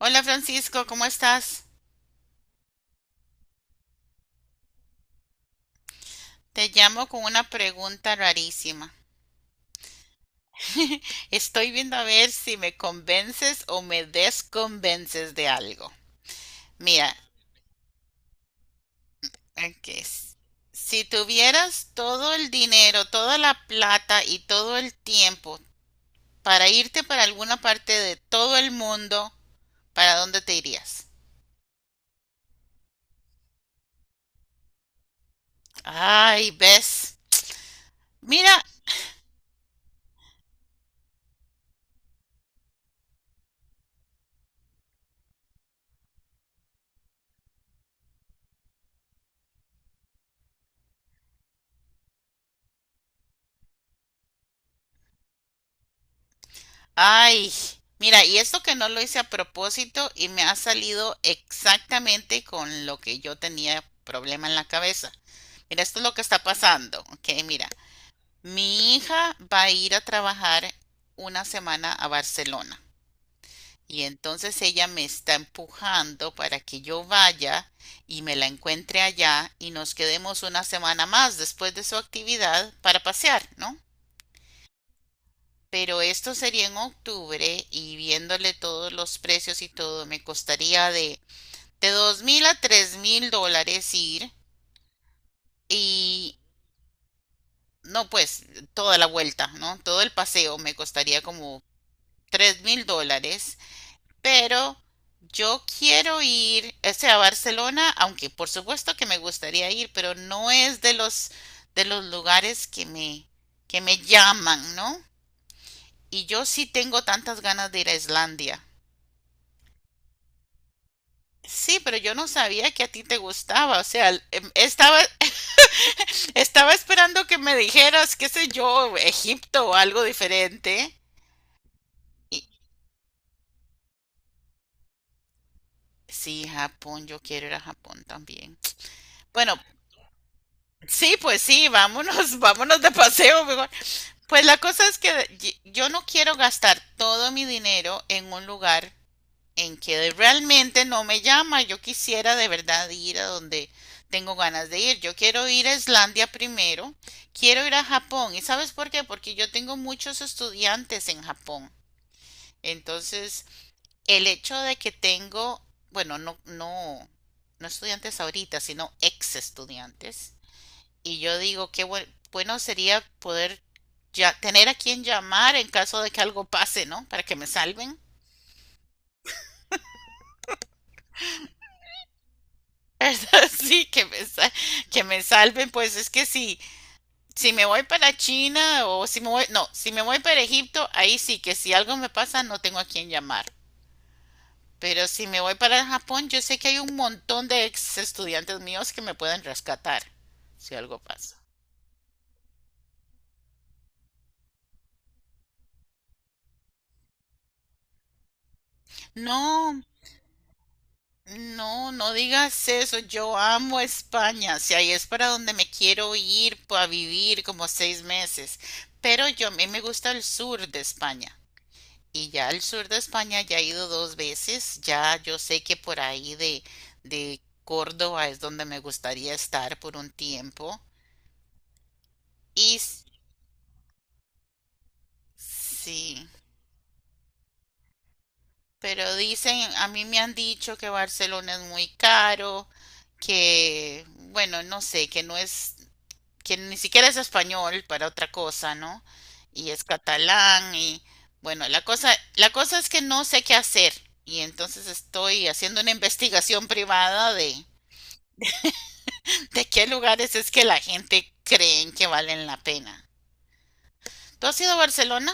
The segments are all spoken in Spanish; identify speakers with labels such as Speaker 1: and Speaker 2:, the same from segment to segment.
Speaker 1: Hola Francisco, ¿cómo estás? Te llamo con una pregunta rarísima. Estoy viendo a ver si me convences o me desconvences de algo. Mira, aquí es. Si tuvieras todo el dinero, toda la plata y todo el tiempo para irte para alguna parte de todo el mundo, ¿para dónde te irías? Ay, ¿ves? Mira, ay, mira, y esto que no lo hice a propósito y me ha salido exactamente con lo que yo tenía problema en la cabeza. Mira, esto es lo que está pasando, ¿ok? Mira, mi hija va a ir a trabajar una semana a Barcelona y entonces ella me está empujando para que yo vaya y me la encuentre allá y nos quedemos una semana más después de su actividad para pasear, ¿no? Pero esto sería en octubre y viéndole todos los precios y todo, me costaría de $2.000 a $3.000 ir y no, pues toda la vuelta, ¿no? Todo el paseo me costaría como $3.000, pero yo quiero ir, o sea, a Barcelona, aunque por supuesto que me gustaría ir, pero no es de los lugares que me llaman, ¿no? Y yo sí tengo tantas ganas de ir a Islandia. Sí, pero yo no sabía que a ti te gustaba, o sea, estaba, estaba esperando que me dijeras, qué sé yo, Egipto o algo diferente. Y sí, Japón, yo quiero ir a Japón también. Bueno, sí, pues sí, vámonos, vámonos de paseo mejor. Pues la cosa es que yo no quiero gastar todo mi dinero en un lugar en que realmente no me llama. Yo quisiera de verdad ir a donde tengo ganas de ir. Yo quiero ir a Islandia primero, quiero ir a Japón. ¿Y sabes por qué? Porque yo tengo muchos estudiantes en Japón. Entonces, el hecho de que tengo, bueno, no, no, no estudiantes ahorita, sino ex estudiantes. Y yo digo, bueno sería poder ya tener a quien llamar en caso de que algo pase, ¿no? Para que me salven. Sí, que me salven, pues es que sí, si me voy para China o si me voy, no, si me voy para Egipto, ahí sí que si algo me pasa no tengo a quién llamar. Pero si me voy para Japón, yo sé que hay un montón de ex estudiantes míos que me pueden rescatar si algo pasa. No, no, no digas eso. Yo amo España. Si ahí es para donde me quiero ir a vivir como 6 meses. Pero yo a mí me gusta el sur de España. Y ya al sur de España ya he ido 2 veces, ya yo sé que por ahí de Córdoba es donde me gustaría estar por un tiempo. Y s- sí, pero dicen, a mí me han dicho que Barcelona es muy caro, que, bueno, no sé, que no es, que ni siquiera es español para otra cosa, ¿no? Y es catalán y, bueno, la cosa es que no sé qué hacer. Y entonces estoy haciendo una investigación privada de ¿de qué lugares es que la gente creen que valen la pena? ¿Tú has ido a Barcelona?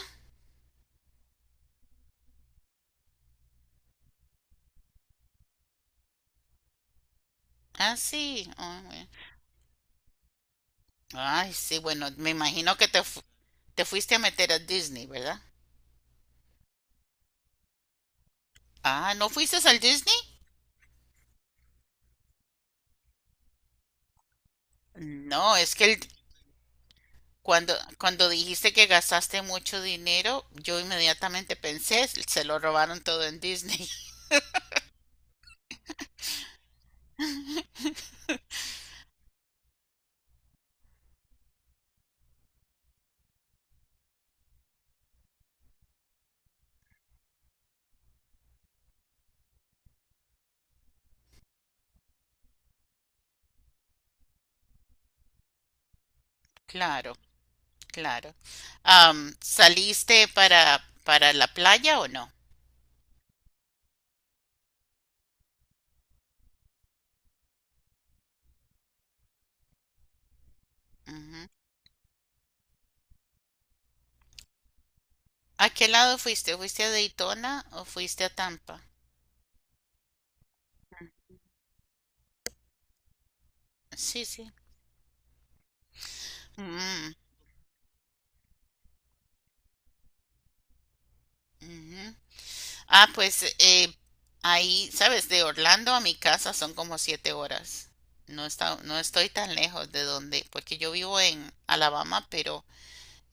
Speaker 1: Ah, sí. Ah, bueno. Ay, sí, bueno, me imagino que te fuiste a meter a Disney, ¿verdad? Ah, ¿no fuiste al Disney? No, cuando dijiste que gastaste mucho dinero, yo inmediatamente pensé, se lo robaron todo en Disney. Claro, claro. Am, ¿saliste para la playa o no? Ujú. ¿A qué lado fuiste? ¿Fuiste a Daytona o fuiste a Tampa? Sí, sí. Mm, ujú. Ah, pues ahí, sabes, de Orlando a mi casa son como 7 horas. No está, no estoy tan lejos de donde, porque yo vivo en Alabama, pero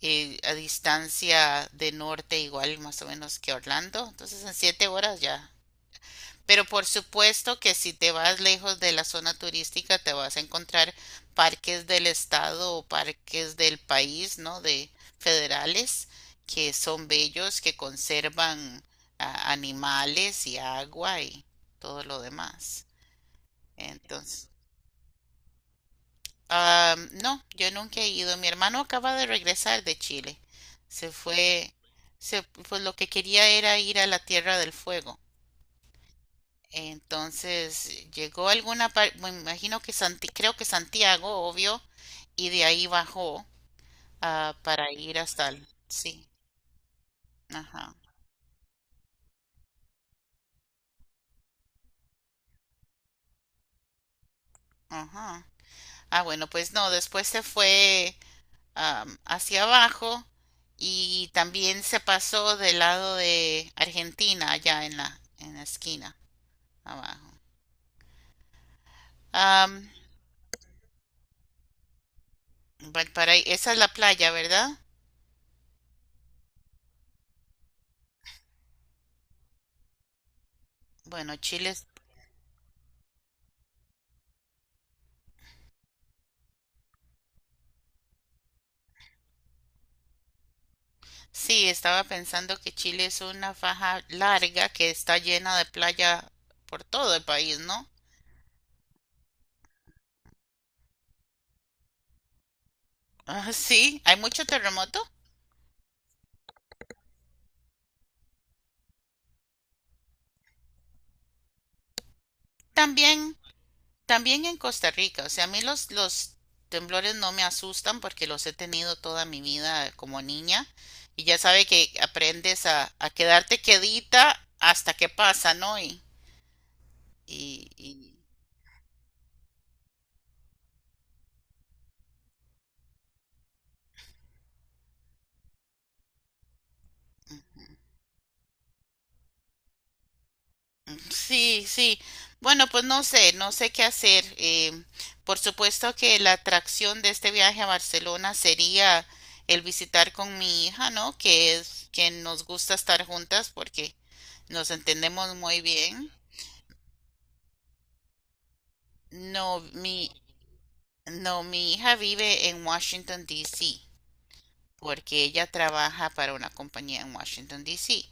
Speaker 1: a distancia de norte igual más o menos que Orlando. Entonces en 7 horas ya pero por supuesto que si te vas lejos de la zona turística, te vas a encontrar parques del estado o parques del país, ¿no? De federales, que son bellos, que conservan animales y agua y todo lo demás. Entonces, ah, no, yo nunca he ido. Mi hermano acaba de regresar de Chile. Se fue, pues lo que quería era ir a la Tierra del Fuego. Entonces llegó a alguna parte, me imagino que creo que Santiago, obvio, y de ahí bajó para ir hasta el... Sí, ajá, ajá. Ah, bueno, pues no, después se fue hacia abajo y también se pasó del lado de Argentina, allá en la esquina, abajo. Am, pa- para, ahí- Esa es la playa, ¿verdad? Bueno, Chile sí, estaba pensando que Chile es una faja larga que está llena de playa por todo el país, ¿no? Ah, sí, hay mucho terremoto. También, también en Costa Rica. O sea, a mí los temblores no me asustan porque los he tenido toda mi vida como niña. Y ya sabe que aprendes a quedarte quedita hasta que pasa, ¿no? Y. Sí, sí. Bueno, pues no sé, qué hacer. Por supuesto que la atracción de este viaje a Barcelona sería el visitar con mi hija, ¿no? Que es que nos gusta estar juntas porque nos entendemos muy bien. No, mi hija vive en Washington, D.C. porque ella trabaja para una compañía en Washington, D.C.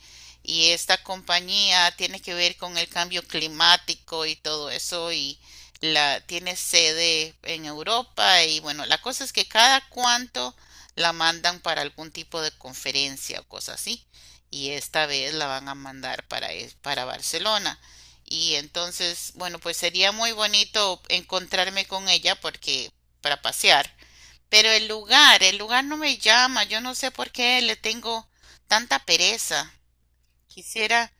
Speaker 1: Y esta compañía tiene que ver con el cambio climático y todo eso y la tiene sede en Europa y bueno, la cosa es que cada cuánto la mandan para algún tipo de conferencia o cosa así y esta vez la van a mandar para, e, para Barcelona. Y entonces, bueno, pues sería muy bonito encontrarme con ella porque para pasear pero el lugar no me llama, yo no sé por qué le tengo tanta pereza. Quisiera,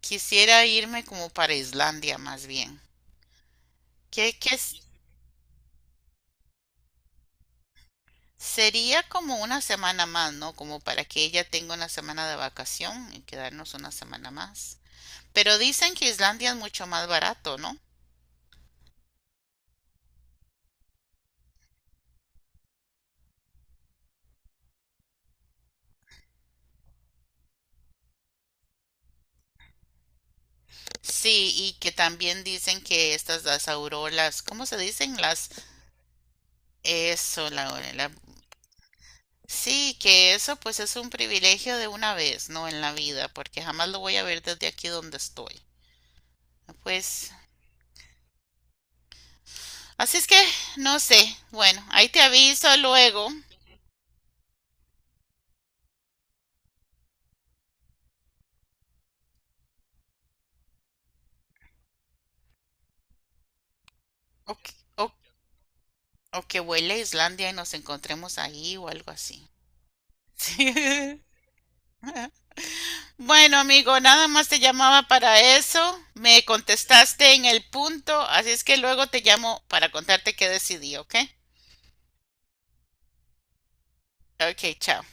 Speaker 1: quisiera irme como para Islandia más bien. Que, que s- Sería como una semana más, ¿no? Como para que ella tenga una semana de vacación y quedarnos una semana más. Pero dicen que Islandia es mucho más barato, ¿no? Sí, y que también dicen que estas las auroras, ¿cómo se dicen? Las, eso, la… Sí, que eso pues es un privilegio de una vez, ¿no? En la vida, porque jamás lo voy a ver desde aquí donde estoy. Pues, así es que, no sé. Bueno, ahí te aviso luego. O, que- o, o, que vuele a Islandia y nos encontremos ahí o algo así. Sí. Bueno, amigo, nada más te llamaba para eso. Me contestaste en el punto, así es que luego te llamo para contarte qué decidí, ¿ok? Ok, chao.